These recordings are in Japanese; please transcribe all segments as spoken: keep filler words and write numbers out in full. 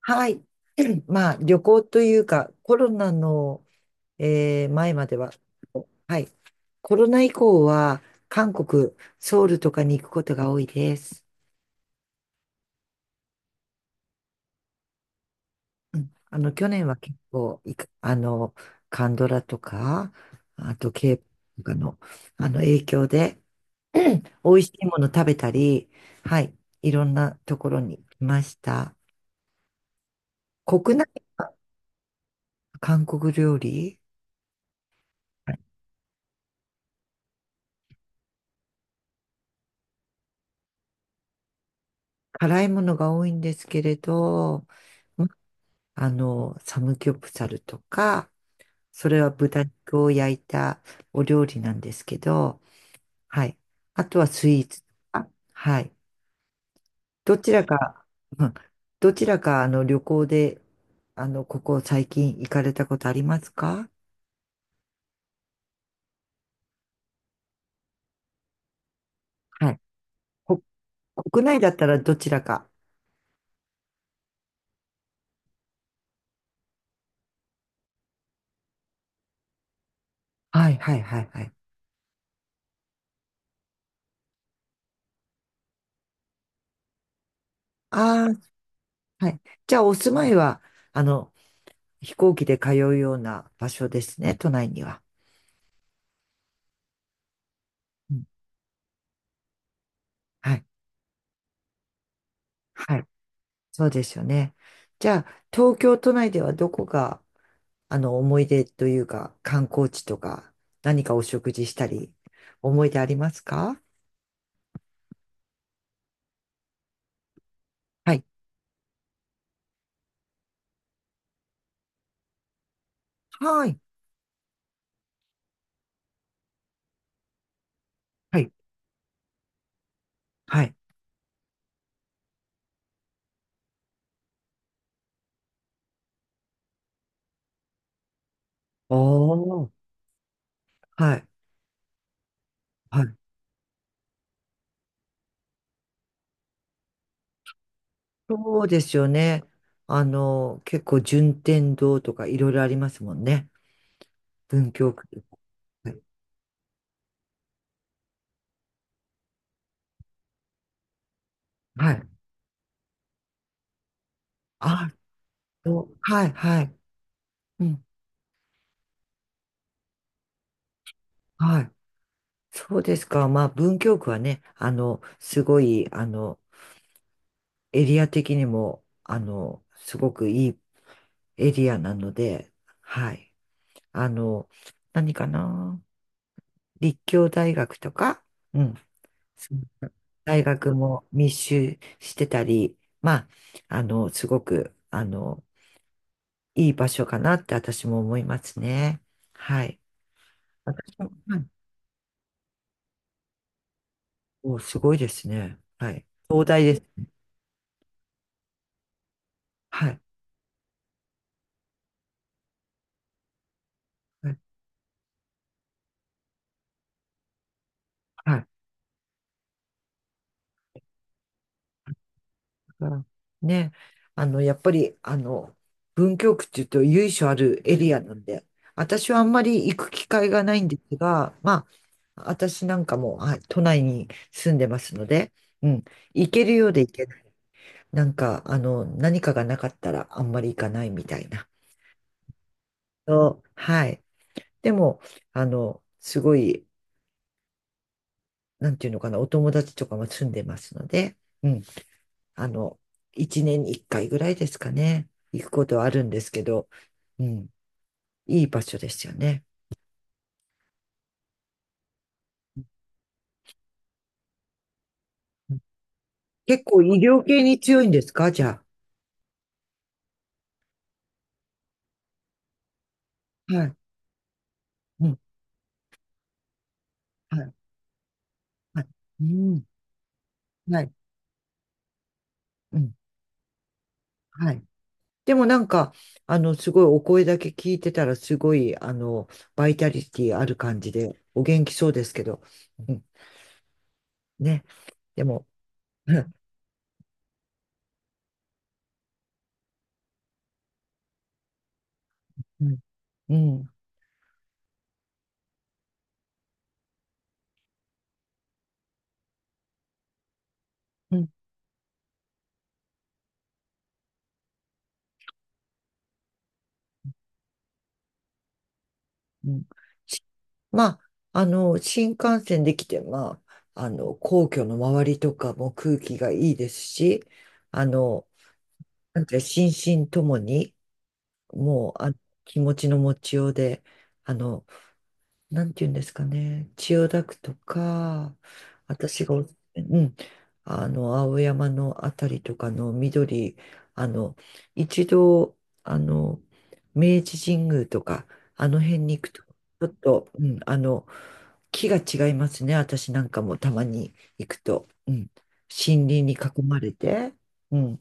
はい。まあ、旅行というか、コロナの、えー前までは、はい。コロナ以降は、韓国、ソウルとかに行くことが多いです。あの、去年は結構いく、あの、カンドラとか、あと ケーポップ とかの、あの、影響で、美味しいもの食べたり、はい。いろんなところに来ました。国内の韓国料理、辛いものが多いんですけれど、あの、サムギョプサルとか、それは豚肉を焼いたお料理なんですけど、はい。あとはスイーツとか。はい。どちらか、うん、どちらか、あの、旅行で、あの、ここ最近行かれたことありますか？はい。こ、国内だったらどちらか。はい、はい、はい、はい。ああ、はい。じゃあ、お住まいは、あの、飛行機で通うような場所ですね、都内には。うん、はい。はい。そうですよね。じゃあ、東京都内ではどこが、あの、思い出というか、観光地とか、何かお食事したり、思い出ありますか？はい。はい。はい。はい。おー。はい。はい。そうですよね。あの、結構、順天堂とかいろいろありますもんね。文京区。はい。はい。あ、そう、はい。はい。うん。はい。そうですか。まあ、文京区はね、あの、すごい、あの、エリア的にも、あの、すごくいいエリアなので、はい。あの、何かな、立教大学とか、うん。大学も密集してたり、まあ、あの、すごく、あの、いい場所かなって私も思いますね。はい。私も、はい。お、すごいですね。はい。東大です。はい。はい。はいからね、あの、やっぱり、あの、文京区っていうと由緒あるエリアなんで、私はあんまり行く機会がないんですが、まあ、私なんかも、はい、都内に住んでますので、うん、行けるようで行けない。なんか、あの、何かがなかったらあんまり行かないみたいな。そうはい。でも、あの、すごい、なんていうのかな、お友達とかも住んでますので、うん、あの、いちねんにいっかいぐらいですかね、行くことはあるんですけど、うん、いい場所ですよね。うん、結構医療系に強いんですかじゃあ。はい。うん。はい。はい。うん。はい。うん。はい。でもなんか、あの、すごいお声だけ聞いてたら、すごい、あの、バイタリティある感じで、お元気そうですけど、うん。ね。でも、うん。うん。うん。うん、うん、し、まあ、あの、新幹線で来て、まあ、あの、皇居の周りとかも空気がいいですし、あの、なんていうか心身ともに、もう、あ、気持ちの持ちようで、あの、なんて言うんですかね、千代田区とか、私がおすすめ、うん、あの、青山のあたりとかの緑、あの、一度、あの、明治神宮とか、あの辺に行くと、ちょっと、うん、あの、木が違いますね、私なんかもたまに行くと、うん、森林に囲まれて、うん、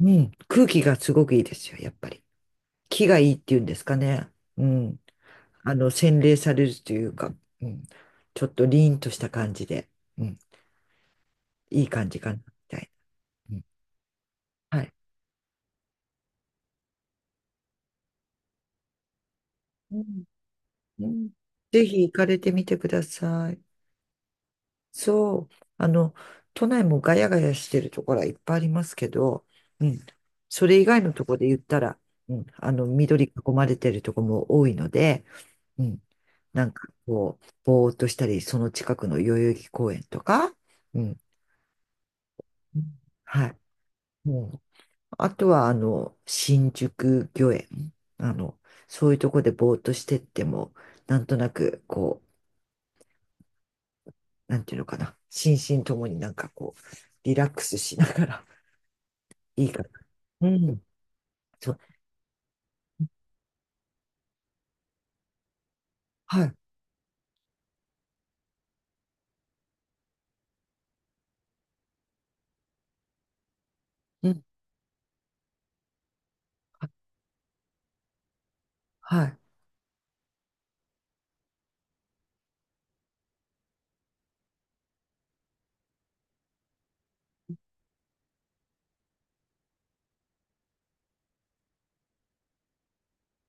うん、空気がすごくいいですよ、やっぱり。木がいいっていうんですかね、うん。あの、洗練されるというか、うん、ちょっと凛とした感じで、うん、いい感じかな、みたいな。うん、はい。うん、うん、ぜひ行かれてみてください。そう。あの、都内もガヤガヤしてるところはいっぱいありますけど、うん。それ以外のところで言ったら、うん、あの、緑囲まれてるところも多いので、うん。なんかこう、ぼーっとしたり、その近くの代々木公園とか、うん。はい。もう、あとは、あの、新宿御苑。あの、そういうとこでぼーっとしてっても、なんとなく、こう、なんていうのかな。心身ともになんかこう、リラックスしながら、いいかな。うん。そう。はい。うん。は、はい。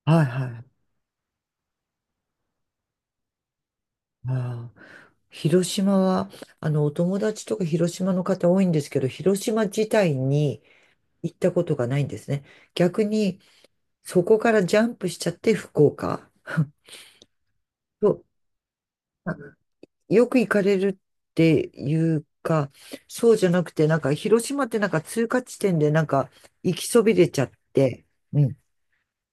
はい。はい。あー、広島は、あの、お友達とか広島の方多いんですけど、広島自体に行ったことがないんですね。逆に、そこからジャンプしちゃって福岡。そう、よく行かれるっていうか、そうじゃなくて、なんか、広島ってなんか通過地点でなんか、行きそびれちゃって、うん、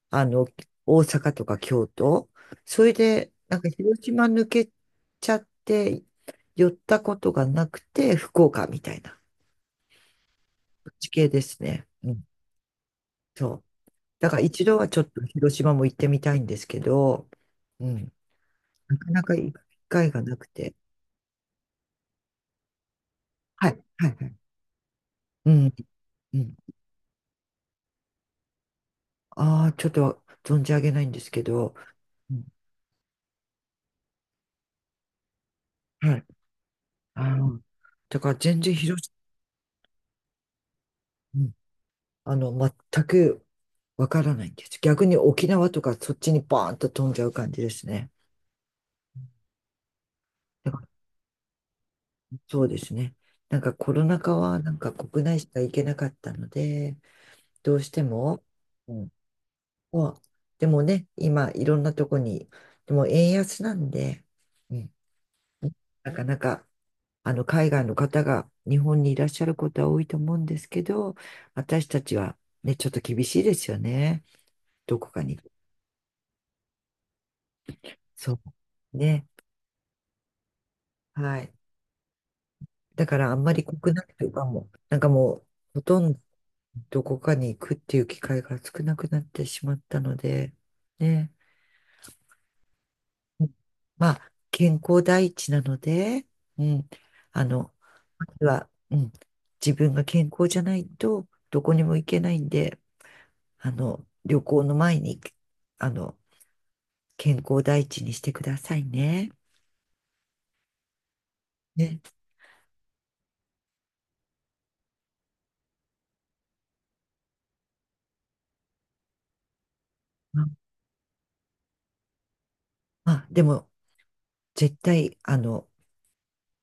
あの、大阪とか京都。それで、なんか広島抜けちゃって、寄ったことがなくて、福岡みたいな地形ですね。うん、そう。だから一度はちょっと広島も行ってみたいんですけど、うん、なかなか行く機会がなくて。はい、はい、はい。うん、うん。ああ、ちょっと存じ上げないんですけど、うん、はい。あの、だから全然広し、うん、あの、全くわからないんです。逆に沖縄とかそっちにバーンと飛んじゃう感じですね。だからそうですね。なんかコロナ禍はなんか国内しか行けなかったので、どうしても、うん、まあでもね、今いろんなとこに、でも円安なんで、うん、なかなか、あの、海外の方が日本にいらっしゃることは多いと思うんですけど、私たちはね、ちょっと厳しいですよね。どこかに。そう。ね。はい。だからあんまり国内とかも、なんかもう、ほとんどどこかに行くっていう機会が少なくなってしまったので、ね。まあ、健康第一なので、うん。あの、まずは、うん。自分が健康じゃないと、どこにも行けないんで、あの、旅行の前に、あの、健康第一にしてくださいね。ね。まあ、まあでも、絶対、あの、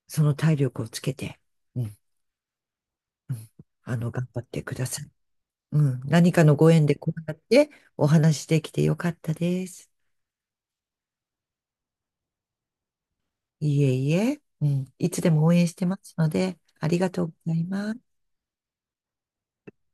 その体力をつけて、うん、うん、あの、頑張ってください。うん、何かのご縁でこうやってお話しできてよかったです。いえいえ、うん、いつでも応援してますので、ありがとうございます。